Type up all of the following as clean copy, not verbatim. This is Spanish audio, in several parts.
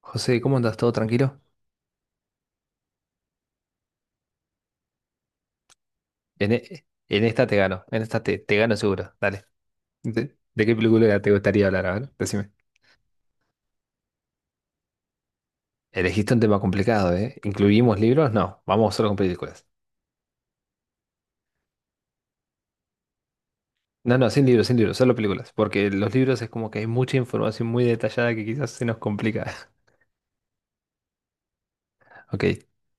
José, ¿cómo andas? ¿Todo tranquilo? En esta te gano, en esta te gano seguro. Dale. ¿De qué película te gustaría hablar? A ver, decime. Elegiste un tema complicado, ¿eh? ¿Incluimos libros? No, vamos solo con películas. No, no, sin libros, sin libros, solo películas. Porque los libros es como que hay mucha información muy detallada que quizás se nos complica. Ok,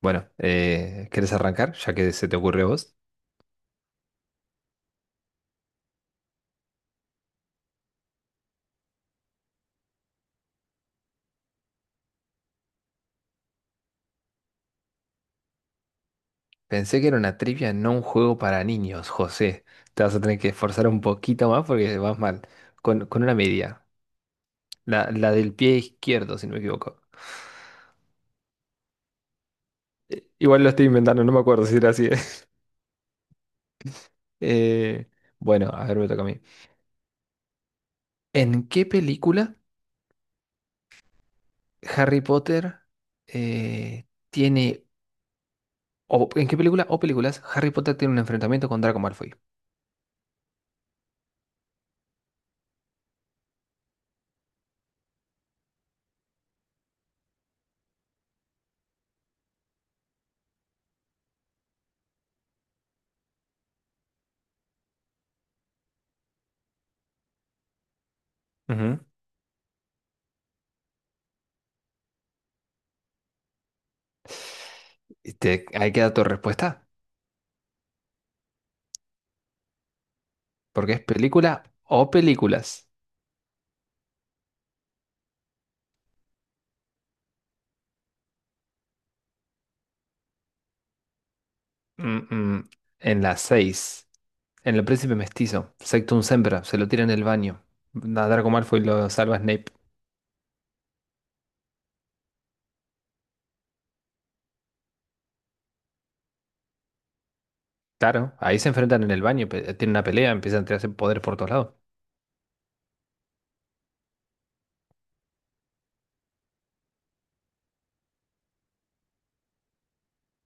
bueno, ¿querés arrancar? Ya que se te ocurre a vos. Pensé que era una trivia, no un juego para niños, José. Te vas a tener que esforzar un poquito más porque vas mal. Con una media. La del pie izquierdo, si no me equivoco. Igual lo estoy inventando, no me acuerdo si era así. Eh, bueno, a ver, me toca a mí. ¿En qué película Harry Potter eh, tiene... o en qué película o películas Harry Potter tiene un enfrentamiento con Draco Malfoy? Ujú. Ahí queda tu respuesta, porque es película o películas. Mm, mm. En la 6 en El Príncipe Mestizo, Sectum Sempra, se lo tira en el baño. A Draco Malfoy lo salva Snape. Claro, ahí se enfrentan en el baño, tienen una pelea, empiezan a tirarse poder por todos lados.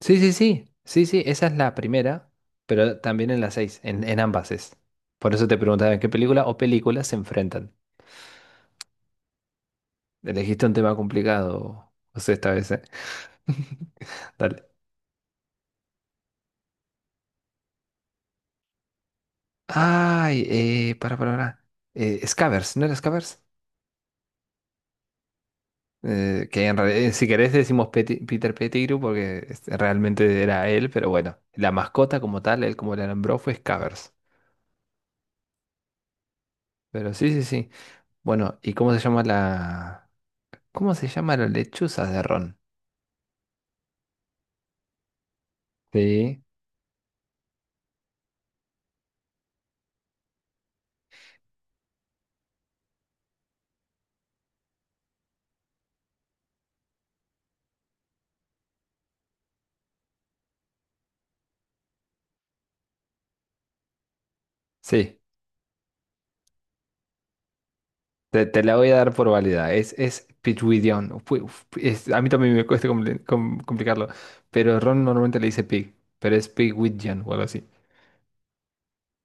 Sí, sí, sí, sí, sí, esa es la primera, pero también en la seis, en ambas es. Por eso te preguntaba en qué película o películas se enfrentan. Elegiste un tema complicado, José, esta vez, ¿eh? Dale. Ay, para, para. Scavers, ¿no era Scavers? Que en realidad, si querés decimos Peter Pettigrew porque este, realmente era él, pero bueno, la mascota como tal, él como le nombró fue Scavers. Pero sí, sí, sí. Bueno, ¿y cómo se llama la... ¿Cómo se llama la lechuza de ron? Sí, sí. Te la voy a dar por válida. Es Pigwiddion. A mí también me cuesta complicarlo. Pero ron normalmente le dice pig. Pero es Pigwiddion o algo así.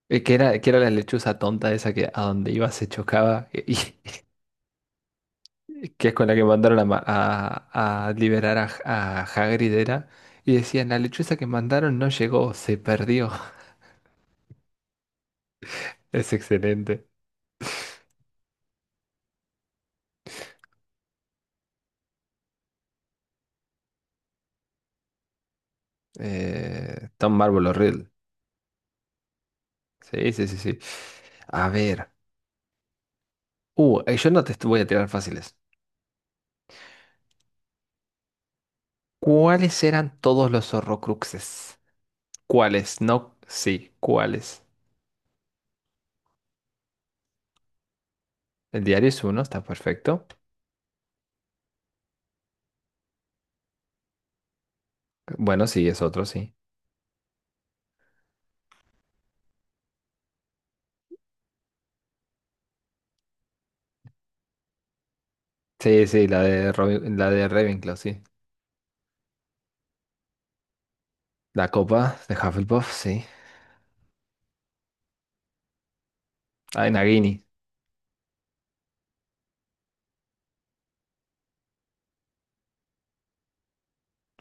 Que era, que era la lechuza tonta esa que a donde iba se chocaba. Que es con la que mandaron a liberar a Hagrid era. Y decían, la lechuza que mandaron no llegó, se perdió. Es excelente. Tom Marvolo Riddle. Sí, sí, sí, sí. A ver. Yo no te est- Voy a tirar fáciles. ¿Cuáles eran todos los Horrocruxes? ¿Cuáles? No, sí, ¿cuáles? El diario es uno, está perfecto. Bueno, sí, es otro, sí. Sí, sí, la de Ravenclaw, sí. La copa de Hufflepuff, sí. Ah, Nagini.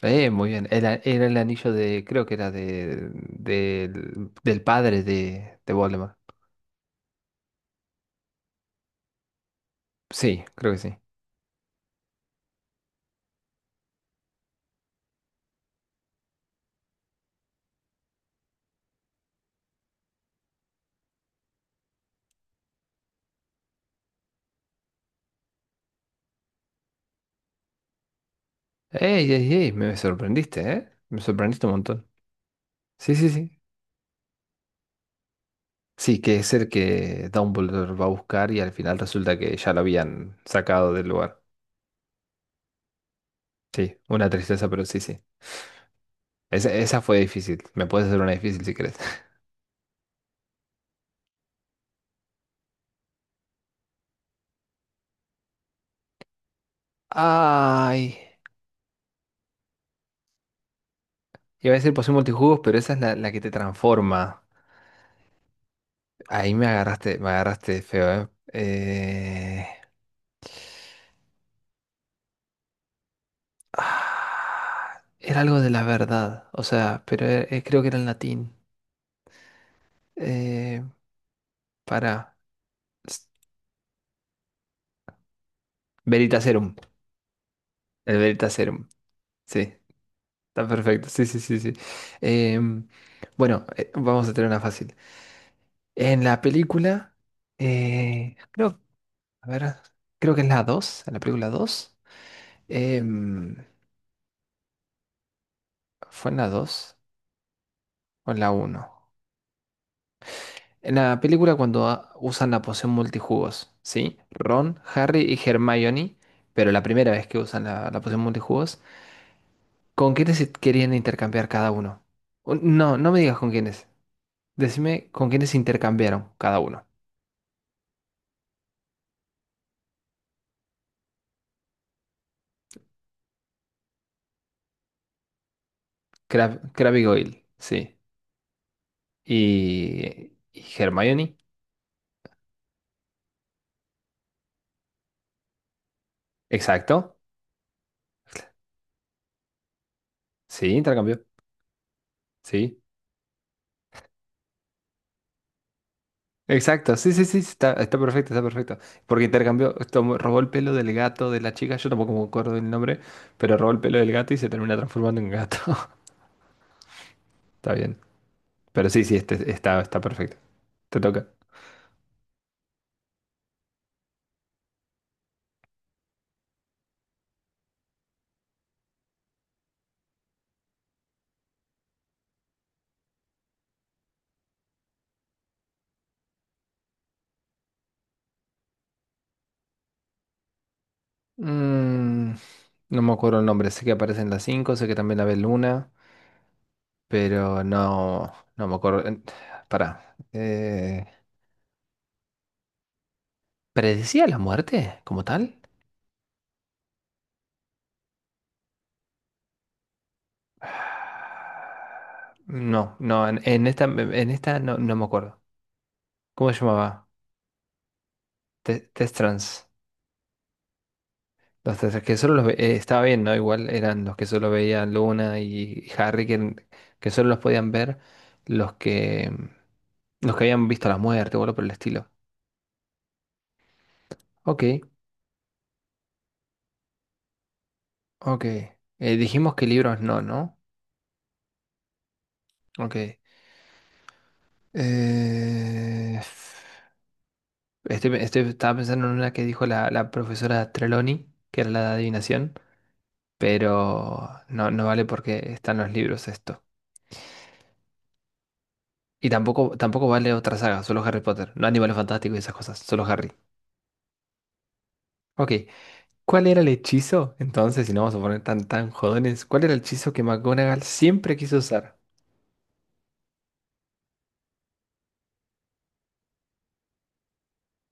Muy bien. Era el anillo de, creo que era de, del padre de Voldemort. Sí, creo que sí. ¡Ey, ey, ey! Me sorprendiste, ¿eh? Me sorprendiste un montón. Sí, sí, sí. Sí, que es el que Dumbledore va a buscar y al final resulta que ya lo habían sacado del lugar. Sí, una tristeza, pero sí, sí. Esa fue difícil. Me puedes hacer una difícil si querés. Ay, iba a decir poción multijugos, pero esa es la que te transforma. Ahí me agarraste feo, ¿eh? Eh, era algo de la verdad, o sea, pero creo que era en latín. Eh, Para. Veritaserum. El Veritaserum. Sí, está perfecto. Sí, sí, sí, sí. Em, bueno, vamos a tener una fácil. En la película, creo, a ver, creo que es la 2 en la película 2 em, ¿fue en la dos o en la uno? En la película cuando usan la poción multijugos, ¿sí? Ron, Harry y Hermione, pero la primera vez que usan la poción multijugos, ¿con quiénes se querían intercambiar cada uno? No, no me digas con quiénes. Decime con quiénes se intercambiaron cada uno. Crab y Goyle, sí. Y Hermione, exacto. Sí, intercambió, sí. Exacto, sí, sí, sí, está, está perfecto. Porque intercambió, robó el pelo del gato de la chica, yo tampoco me acuerdo del nombre, pero robó el pelo del gato y se termina transformando en gato. Está bien. Pero sí, sí, este, está perfecto. Te toca. Mm, no me acuerdo el nombre, sé que aparecen las 5, sé que también la ve Luna, pero no, no me acuerdo. Pará. ¿Predecía la muerte como tal? No, no, en esta no, no me acuerdo. ¿Cómo se llamaba? Test Trans. Los test que solo los estaba bien, ¿no? Igual eran los que solo veían Luna y Harry, que solo los podían ver los que, los que habían visto la muerte o algo por el estilo. Ok. Ok. Dijimos que libros no, ¿no? Ok. Eh, Estaba pensando en una que dijo la profesora Trelawney, que era la de adivinación, pero no, no vale porque están los libros esto. Y tampoco, tampoco vale otra saga, solo Harry Potter, no Animales Fantásticos y esas cosas, solo Harry. Ok. ¿Cuál era el hechizo? Entonces, si no vamos a poner tan, tan jodones, ¿cuál era el hechizo que McGonagall siempre quiso usar?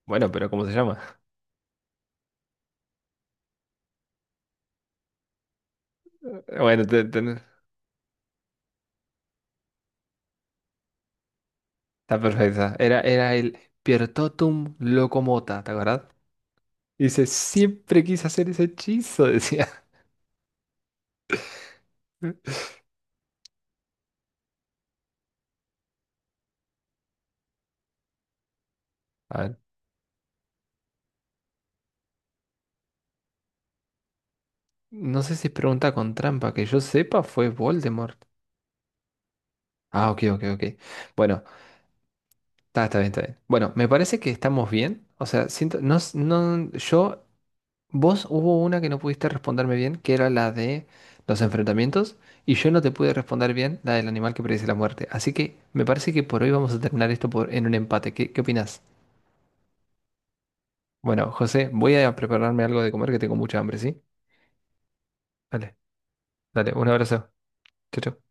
Bueno, pero ¿cómo se llama? Bueno, está perfecta. Era el Piertotum Locomota, ¿te acuerdas? Y dice, siempre quise hacer ese hechizo, decía. A ver, no sé si es pregunta con trampa, que yo sepa fue Voldemort. Ah, ok, ok, ok. Bueno, está bien, está bien. Bueno, me parece que estamos bien. O sea, siento, no, no, yo, vos hubo una que no pudiste responderme bien, que era la de los enfrentamientos, y yo no te pude responder bien la del animal que predice la muerte. Así que me parece que por hoy vamos a terminar esto en un empate. ¿Qué opinás? Bueno, José, voy a prepararme algo de comer que tengo mucha hambre, ¿sí? Dale, dale, un abrazo. Chau, chau.